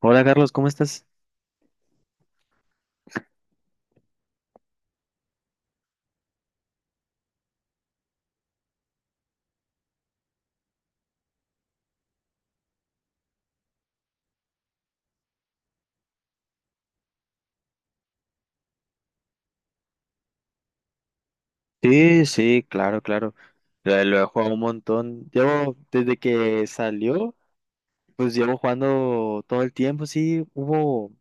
Hola Carlos, ¿cómo estás? Sí, sí, claro, claro. Lo he jugado un montón. Llevo, desde que salió, pues llevo jugando todo el tiempo, sí, hubo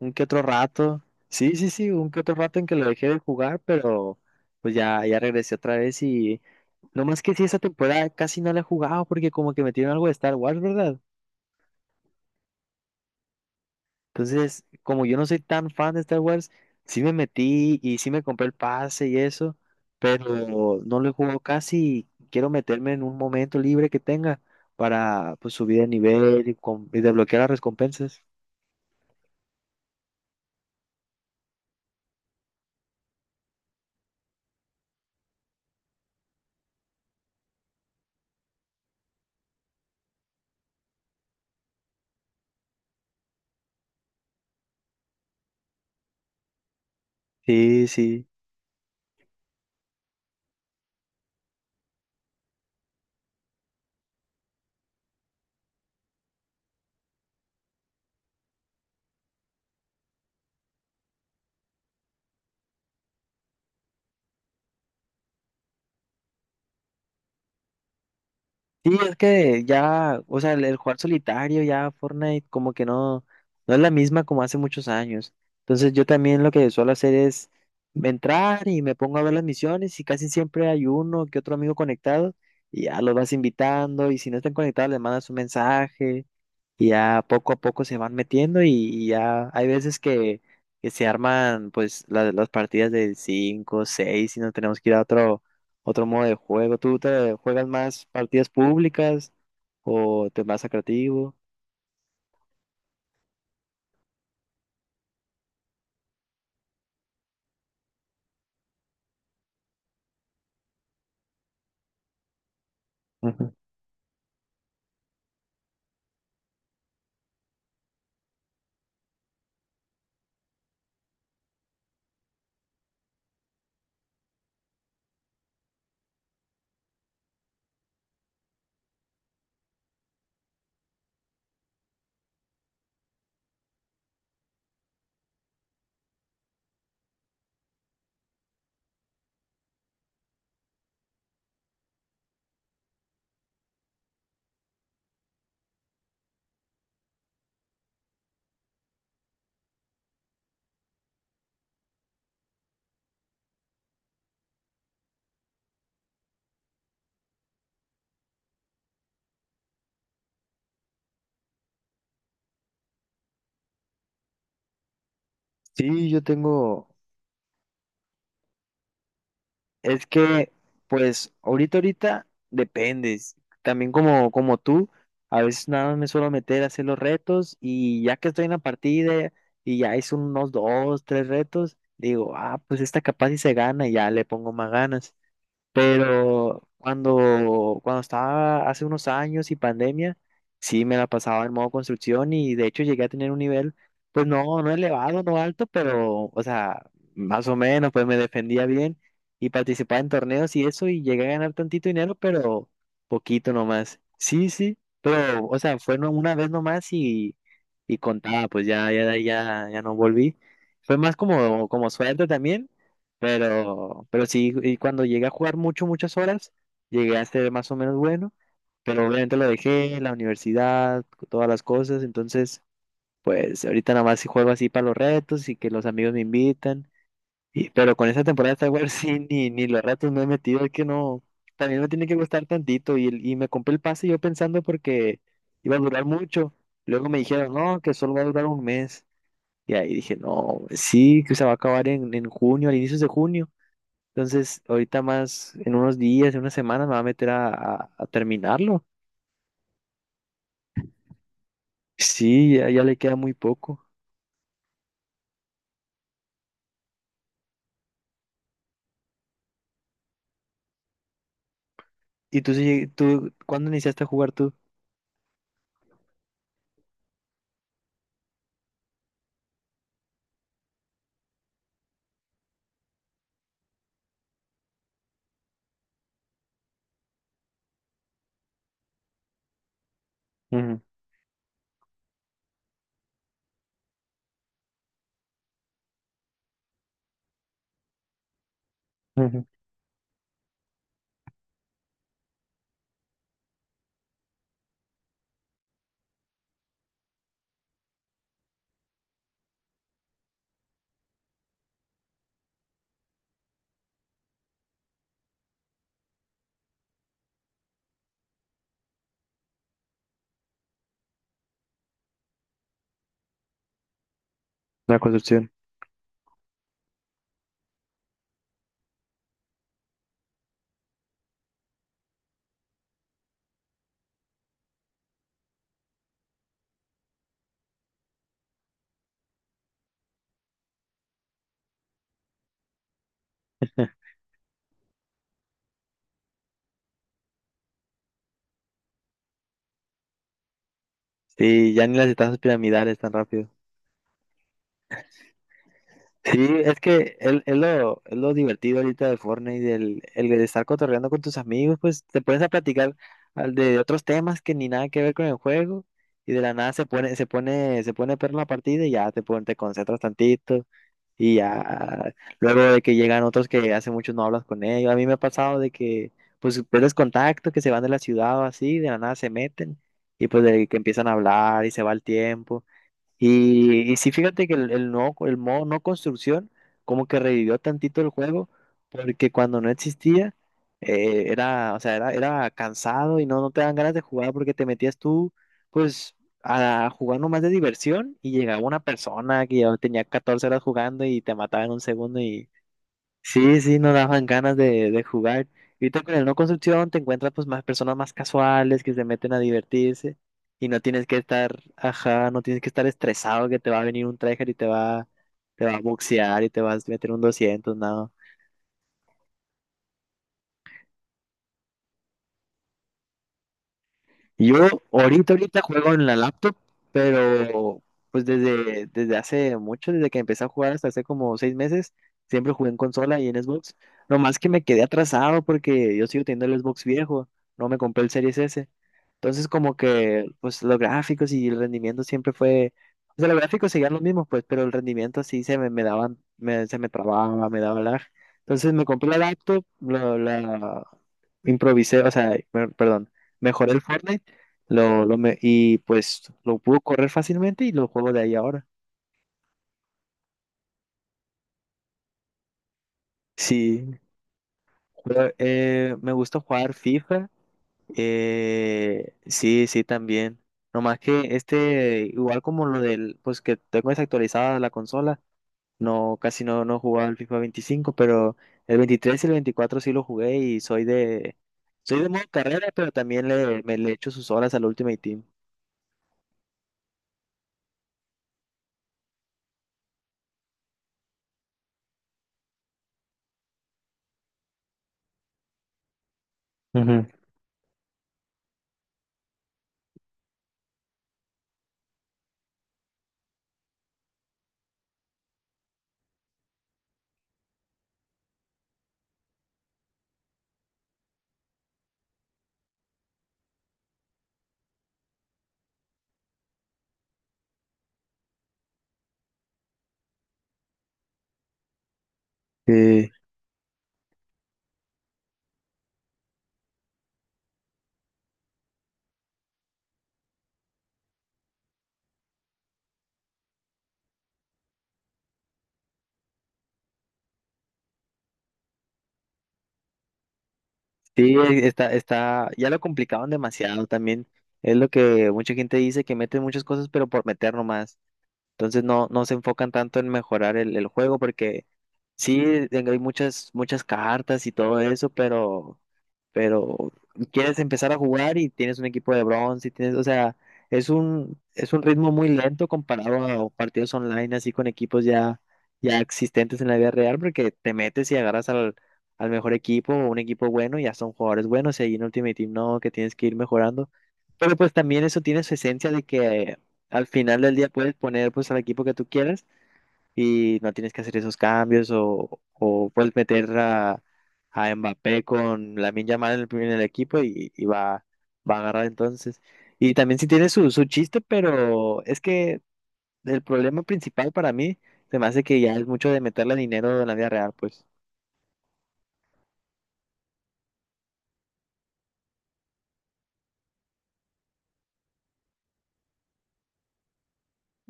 un que otro rato. Sí, sí, sí, un que otro rato en que lo dejé de jugar, pero pues ya, ya regresé otra vez y no más que sí, esa temporada casi no la he jugado porque como que metieron algo de Star Wars, ¿verdad? Entonces, como yo no soy tan fan de Star Wars, sí me metí y sí me compré el pase y eso, pero no lo he jugado casi. Quiero meterme en un momento libre que tenga para pues, subir de nivel y desbloquear las recompensas. Sí, sí. Sí, es que ya, o sea, el jugar solitario ya Fortnite como que no, no es la misma como hace muchos años. Entonces yo también lo que suelo hacer es entrar y me pongo a ver las misiones y casi siempre hay uno que otro amigo conectado y ya los vas invitando y si no están conectados les mandas un mensaje y ya poco a poco se van metiendo y ya hay veces que se arman pues las partidas de 5 6 y nos tenemos que ir a otro, otro modo de juego. ¿Tú te juegas más partidas públicas o te vas a creativo? Ujú. Sí, yo tengo. Es que, pues, ahorita, dependes. También como, como tú, a veces nada más me suelo meter a hacer los retos y ya que estoy en la partida y ya hice unos dos, tres retos, digo, ah, pues esta capaz y se gana y ya le pongo más ganas. Pero cuando estaba hace unos años y pandemia, sí me la pasaba en modo construcción y de hecho llegué a tener un nivel, pues no, no elevado, no alto, pero, o sea, más o menos, pues me defendía bien y participaba en torneos y eso y llegué a ganar tantito dinero, pero poquito nomás. Sí, sí, pero, o sea, fue no- una vez nomás y contaba, pues ya, ya, ya, ya no volví. Fue más como, como suerte también. Pero sí, y cuando llegué a jugar mucho, muchas horas, llegué a ser más o menos bueno, pero obviamente lo dejé, la universidad, todas las cosas, entonces, pues ahorita nada más sí juego así para los retos y que los amigos me invitan, y, pero con esta temporada de Star Wars sí, ni, ni los retos me he metido, es que no, también me tiene que gustar tantito, y me compré el pase yo pensando porque iba a durar mucho, luego me dijeron, no, que solo va a durar un mes, y ahí dije, no, sí, que se va a acabar en junio, a inicios de junio. Entonces, ahorita más, en unos días, en unas semanas, me va a meter a terminarlo. Sí, ya, ya le queda muy poco. ¿Y tú, cuándo iniciaste a jugar tú? Ujú, ujú. La construcción. Sí, ya ni las etapas piramidales tan rápido. Sí, es que es lo, es lo divertido ahorita de Fortnite, del el de estar cotorreando con tus amigos, pues te pones a platicar al de otros temas que ni nada que ver con el juego y de la nada se pone perro la partida y ya te concentras tantito y ya luego de que llegan otros que hace mucho no hablas con ellos. A mí me ha pasado de que pues pierdes contacto, que se van de la ciudad o así, de la nada se meten y pues de que empiezan a hablar y se va el tiempo. Y sí, fíjate que el modo no construcción como que revivió tantito el juego, porque cuando no existía, era, o sea, era, era cansado y no, no te dan ganas de jugar porque te metías tú, pues, a jugar nomás de diversión y llegaba una persona que ya tenía 14 horas jugando y te mataba en un segundo. Sí, sí, nos daban ganas de jugar. Y ahorita con el no construcción te encuentras pues más personas más casuales que se meten a divertirse y no tienes que estar, ajá, no tienes que estar estresado que te va a venir un tryhard y te va a boxear y te vas a meter un 200 nada. Yo ahorita juego en la laptop, pero pues desde, desde hace mucho, desde que empecé a jugar hasta hace como 6 meses, siempre jugué en consola y en Xbox. No más que me quedé atrasado porque yo sigo teniendo el Xbox viejo, no me compré el Series S. Entonces como que pues los gráficos y el rendimiento siempre fue, o sea, los gráficos seguían los mismos pues, pero el rendimiento sí se me, me daban, se me trababa, me daba lag. Entonces me compré la laptop, la improvisé, o sea, perdón, mejoré el Fortnite y pues lo pude correr fácilmente y lo juego de ahí ahora. Sí, pero, me gusta jugar FIFA. Sí, sí, también. Nomás que este, igual como lo del, pues que tengo desactualizada la consola, no, casi no, no jugaba el FIFA 25 pero el 23 y el 24 sí lo jugué y soy de modo carrera, pero también le, me le echo sus horas al Ultimate Team. Ujú. Sí. Sí, está, está, ya lo complicaron demasiado también. Es lo que mucha gente dice que meten muchas cosas, pero por meter nomás. Entonces no, no se enfocan tanto en mejorar el juego porque sí hay muchas, muchas cartas y todo eso, pero quieres empezar a jugar y tienes un equipo de bronce y tienes, o sea, es un ritmo muy lento comparado a partidos online así con equipos ya, ya existentes en la vida real porque te metes y agarras al mejor equipo o un equipo bueno y ya son jugadores buenos y ahí en Ultimate Team no, que tienes que ir mejorando. Pero pues también eso tiene su esencia de que al final del día puedes poner pues al equipo que tú quieras y no tienes que hacer esos cambios o puedes meter a Mbappé con Lamine Yamal en en el equipo y va, va a agarrar entonces. Y también sí tiene su, su chiste, pero es que el problema principal para mí se me hace que ya es mucho de meterle dinero en la vida real, pues.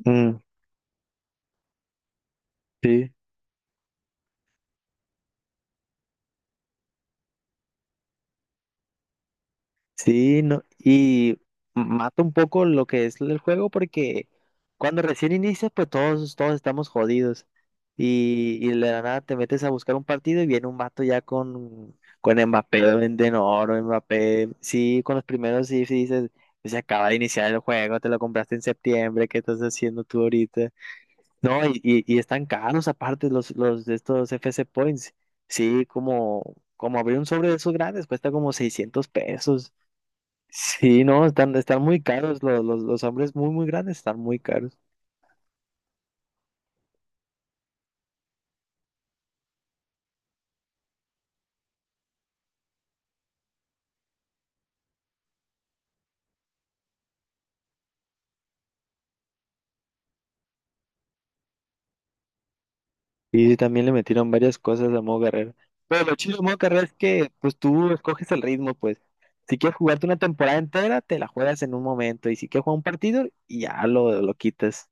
Mm, sí. Sí, no, y mata un poco lo que es el juego porque cuando recién inicias, pues todos, todos estamos jodidos. Y de la nada te metes a buscar un partido y viene un vato ya con Mbappé de oro, Mbappé. Sí, con los primeros sí, sí dices, "Pues, se acaba de iniciar el juego, te lo compraste en septiembre, ¿qué estás haciendo tú ahorita?" No, y están caros aparte los de estos FC Points. Sí, como, como abrir un sobre de esos grandes cuesta como $600. Sí, no, están, están muy caros, los hombres muy, muy grandes están muy caros. Y sí, también le metieron varias cosas a modo carrera. Pero lo chido de modo carrera es que, pues tú escoges el ritmo, pues. Si quieres jugarte una temporada entera, te la juegas en un momento. Y si quieres jugar un partido, ya lo quitas.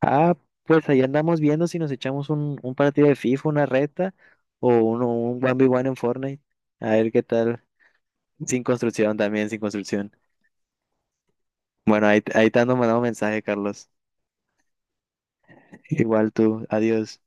Ah, pues ahí andamos viendo si nos echamos un partido de FIFA, una reta, o uno, un 1v1 en Fortnite. A ver qué tal. Sin construcción también, sin construcción. Bueno, ahí, ahí te ando mandando mensaje, Carlos. Igual tú, adiós.